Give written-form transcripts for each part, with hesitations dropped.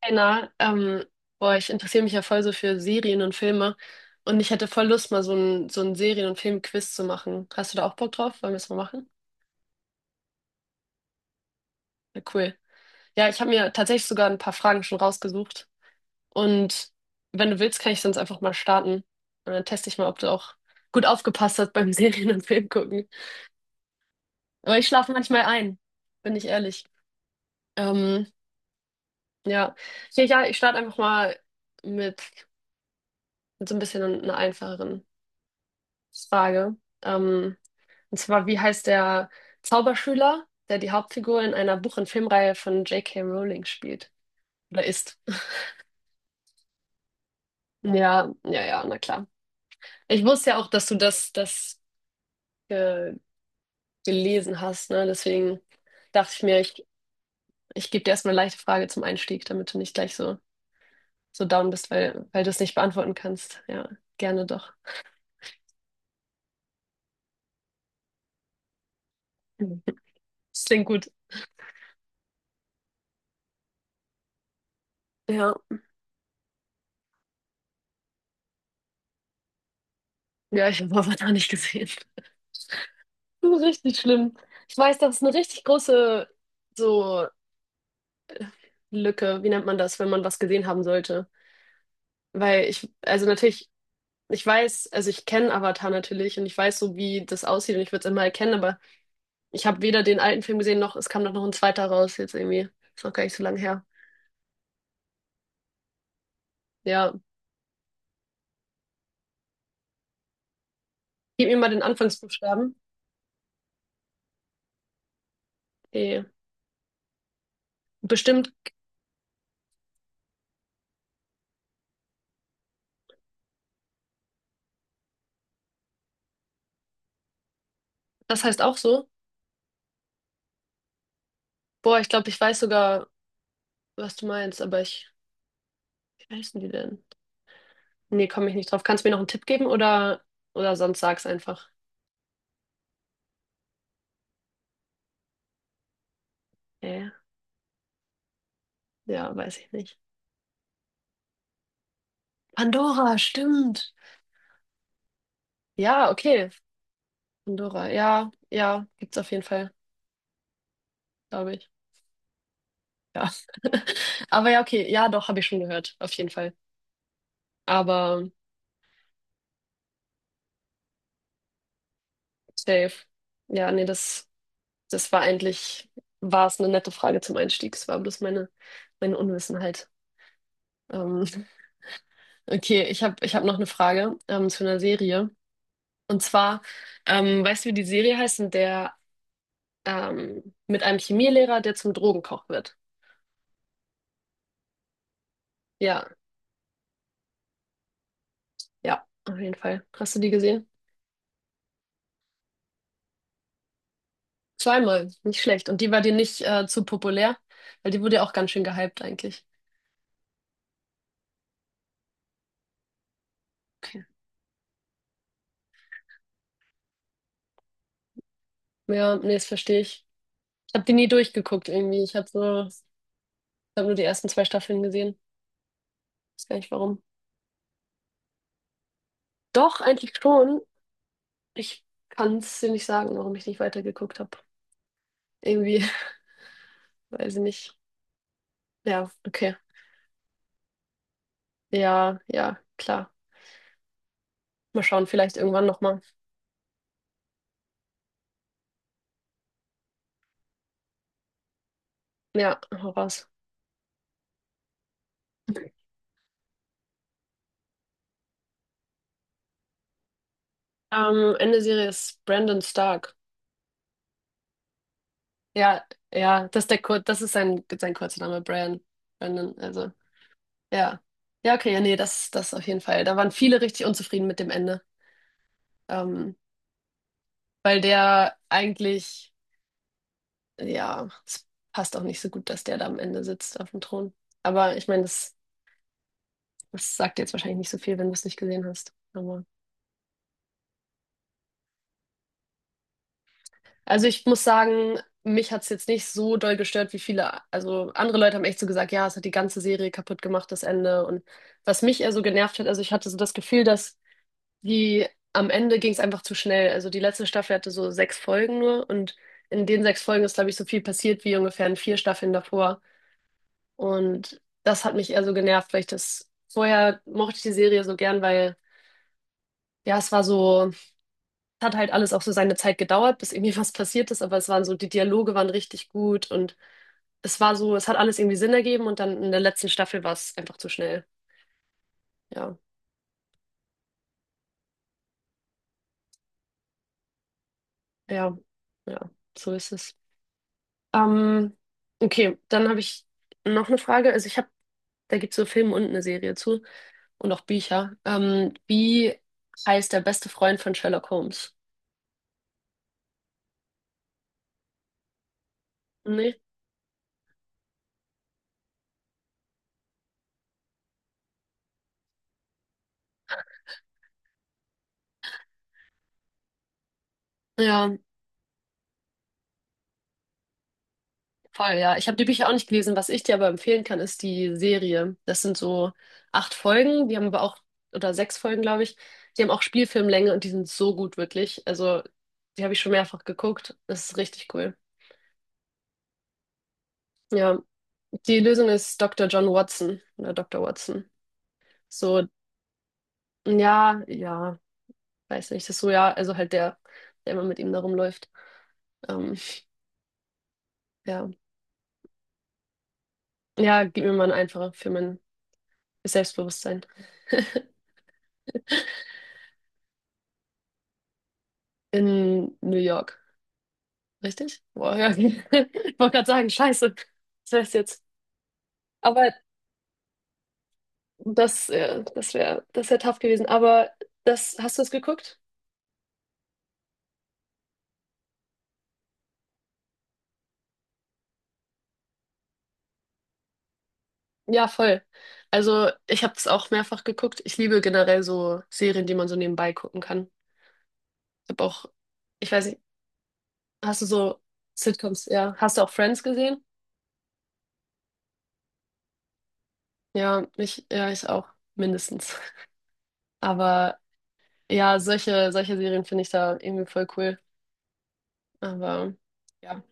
Einer, boah, ich interessiere mich ja voll so für Serien und Filme und ich hätte voll Lust, mal so ein Serien- und Film-Quiz zu machen. Hast du da auch Bock drauf? Wollen wir es mal machen? Ja, cool. Ja, ich habe mir tatsächlich sogar ein paar Fragen schon rausgesucht und wenn du willst, kann ich sonst einfach mal starten und dann teste ich mal, ob du auch gut aufgepasst hast beim Serien- und Film gucken. Aber ich schlafe manchmal ein, bin ich ehrlich. Ähm, ja. Ja, ich starte einfach mal mit, mit so ein bisschen einer einfacheren Frage. Ähm, Und zwar, wie heißt der Zauberschüler, der die Hauptfigur in einer Buch- und Filmreihe von J.K. Rowling spielt? Oder ist? Ja, na klar. Ich wusste ja auch, dass du das äh, gelesen hast, ne? Deswegen dachte ich mir, ich gebe dir erstmal eine leichte Frage zum Einstieg, damit du nicht gleich so down bist, weil du es nicht beantworten kannst. Ja, gerne doch. Mhm. Das klingt gut. Ja, ja, ich habe Avatar nicht gesehen. Das ist richtig schlimm. Ich weiß, dass es eine richtig große so Lücke, wie nennt man das, wenn man was gesehen haben sollte? Weil ich, also natürlich, ich weiß, also ich kenne Avatar natürlich und ich weiß so, wie das aussieht und ich würde es immer erkennen, aber ich habe weder den alten Film gesehen, noch es kam doch noch ein zweiter raus jetzt irgendwie. Ist noch gar nicht so lange her. Ja, gib mir mal den Anfangsbuchstaben. Okay. Bestimmt, das heißt auch so. Boah, ich glaube, ich weiß sogar, was du meinst, wie heißen die denn? Nee, komme ich nicht drauf. Kannst du mir noch einen Tipp geben oder sonst sag's einfach. Äh, ja, weiß ich nicht. Pandora, stimmt. Ja, okay. Pandora. Ja, ja, gibt's auf jeden Fall, glaube ich. Ja. Aber ja, okay. Ja, doch, habe ich schon gehört. Auf jeden Fall. Aber safe. Ja, nee, das war eigentlich, war es eine nette Frage zum Einstieg. Es war bloß meine Unwissenheit. Ähm, okay, ich hab noch eine Frage, zu einer Serie. Und zwar, weißt du, wie die Serie heißt, in der mit einem Chemielehrer, der zum Drogenkoch wird? Ja, ja, auf jeden Fall. Hast du die gesehen? Zweimal, nicht schlecht. Und die war dir nicht zu populär, weil die wurde ja auch ganz schön gehypt eigentlich. Okay. Ja, nee, das verstehe ich. Ich habe die nie durchgeguckt irgendwie. Ich habe nur die ersten zwei Staffeln gesehen. Weiß gar nicht warum. Doch, eigentlich schon. Ich kann es dir nicht sagen, warum ich nicht weitergeguckt habe. Irgendwie, weiß ich nicht. Ja, okay. Ja, ja, klar. Mal schauen, vielleicht irgendwann nochmal. Ja, hau raus. Ende Serie ist Brandon Stark. Ja, ja, das ist der Kur das ist sein kurzer Name, Brian Brandon, also, ja. Ja, okay, ja, nee, das auf jeden Fall. Da waren viele richtig unzufrieden mit dem Ende. Ähm, weil der eigentlich, ja, es passt auch nicht so gut, dass der da am Ende sitzt auf dem Thron. Aber ich meine, das sagt jetzt wahrscheinlich nicht so viel, wenn du es nicht gesehen hast. Aber, also ich muss sagen, mich hat es jetzt nicht so doll gestört wie viele. Also andere Leute haben echt so gesagt, ja, es hat die ganze Serie kaputt gemacht, das Ende. Und was mich eher so genervt hat, also ich hatte so das Gefühl, dass Die, am Ende ging es einfach zu schnell. Also die letzte Staffel hatte so sechs Folgen nur und in den sechs Folgen ist, glaube ich, so viel passiert wie ungefähr in vier Staffeln davor. Und das hat mich eher so genervt, weil ich das vorher mochte ich die Serie so gern, weil ja, es hat halt alles auch so seine Zeit gedauert, bis irgendwie was passiert ist, aber die Dialoge waren richtig gut und es hat alles irgendwie Sinn ergeben und dann in der letzten Staffel war es einfach zu schnell. Ja, ja, ja, so ist es. Ähm, okay, dann habe ich noch eine Frage. Da gibt es so Filme und eine Serie zu und auch Bücher. Wie heißt der beste Freund von Sherlock Holmes? Nee? Ja, voll, ja. Ich habe die Bücher auch nicht gelesen. Was ich dir aber empfehlen kann, ist die Serie. Das sind so acht Folgen, die haben aber auch, oder sechs Folgen, glaube ich. Die haben auch Spielfilmlänge und die sind so gut, wirklich. Also, die habe ich schon mehrfach geguckt. Das ist richtig cool. Ja, die Lösung ist Dr. John Watson oder Dr. Watson. So Ja, weiß nicht, das ist so, ja, also halt der immer mit ihm da rumläuft. Ähm, ja. Ja, gib mir mal einen einfacher für mein Selbstbewusstsein. In New York, richtig? Boah, ja. Ich wollte gerade sagen, scheiße, das wär's jetzt. Aber das wäre tough gewesen. Aber das, hast du das geguckt? Ja, voll. Also ich habe das auch mehrfach geguckt. Ich liebe generell so Serien, die man so nebenbei gucken kann. Ich habe auch, ich weiß nicht, Hast du so Sitcoms, ja. Hast du auch Friends gesehen? Ich auch, mindestens. Aber ja, solche Serien finde ich da irgendwie voll cool. Aber ja.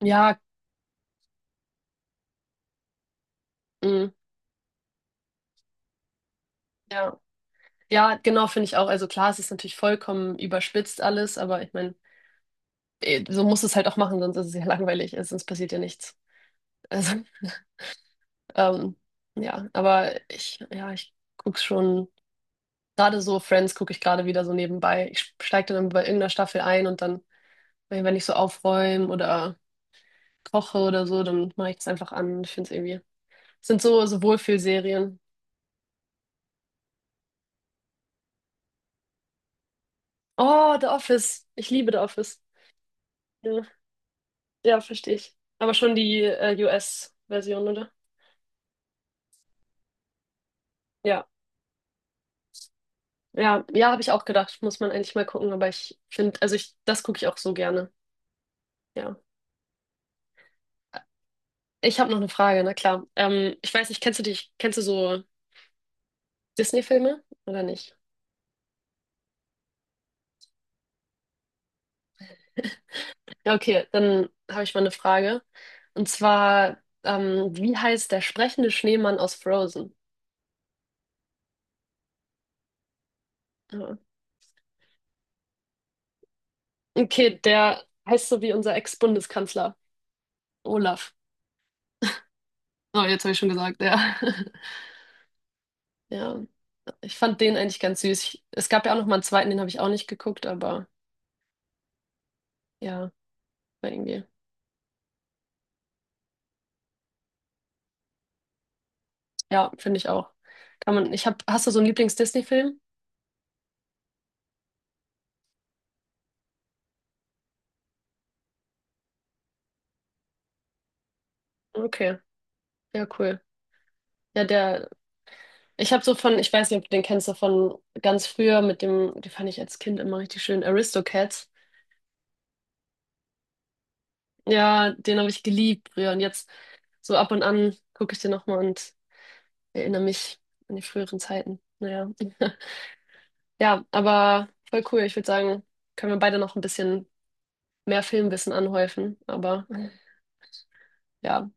Ja, mm, ja. Ja, genau, finde ich auch. Also klar, es ist natürlich vollkommen überspitzt alles, aber ich meine, eh, so muss es halt auch machen, sonst ist es ja langweilig, also sonst passiert ja nichts. Also, ähm, ja, ich guck's schon. Gerade so Friends gucke ich gerade wieder so nebenbei. Ich steige dann bei irgendeiner Staffel ein und dann weil wenn ich so aufräume oder koche oder so, dann mache ich das einfach an. Ich finde es irgendwie. Es sind so Wohlfühlserien. Oh, The Office. Ich liebe The Office. Ja, ja, verstehe ich. Aber schon die US-Version, oder? Ja. Ja, habe ich auch gedacht. Muss man eigentlich mal gucken, aber ich finde, das gucke ich auch so gerne. Ja. Ich habe noch eine Frage, na klar. Ich weiß nicht, kennst du so Disney-Filme oder nicht? Ja, okay, dann habe ich mal eine Frage. Und zwar, wie heißt der sprechende Schneemann aus Frozen? Ja. Okay, der heißt so wie unser Ex-Bundeskanzler Olaf. Oh, jetzt habe ich schon gesagt, ja. Ja, ich fand den eigentlich ganz süß. Es gab ja auch noch mal einen zweiten, den habe ich auch nicht geguckt, aber ja, war irgendwie. Ja, finde ich auch. Kann man, hast du so einen Lieblings-Disney-Film? Okay, ja, cool. Ja, der Ich habe so von, ich weiß nicht, ob du den kennst, so von ganz früher mit dem, die fand ich als Kind immer richtig schön, Aristocats. Ja, den habe ich geliebt früher und jetzt so ab und an gucke ich den nochmal und erinnere mich an die früheren Zeiten. Naja. Ja, aber voll cool. Ich würde sagen, können wir beide noch ein bisschen mehr Filmwissen anhäufen, aber ja.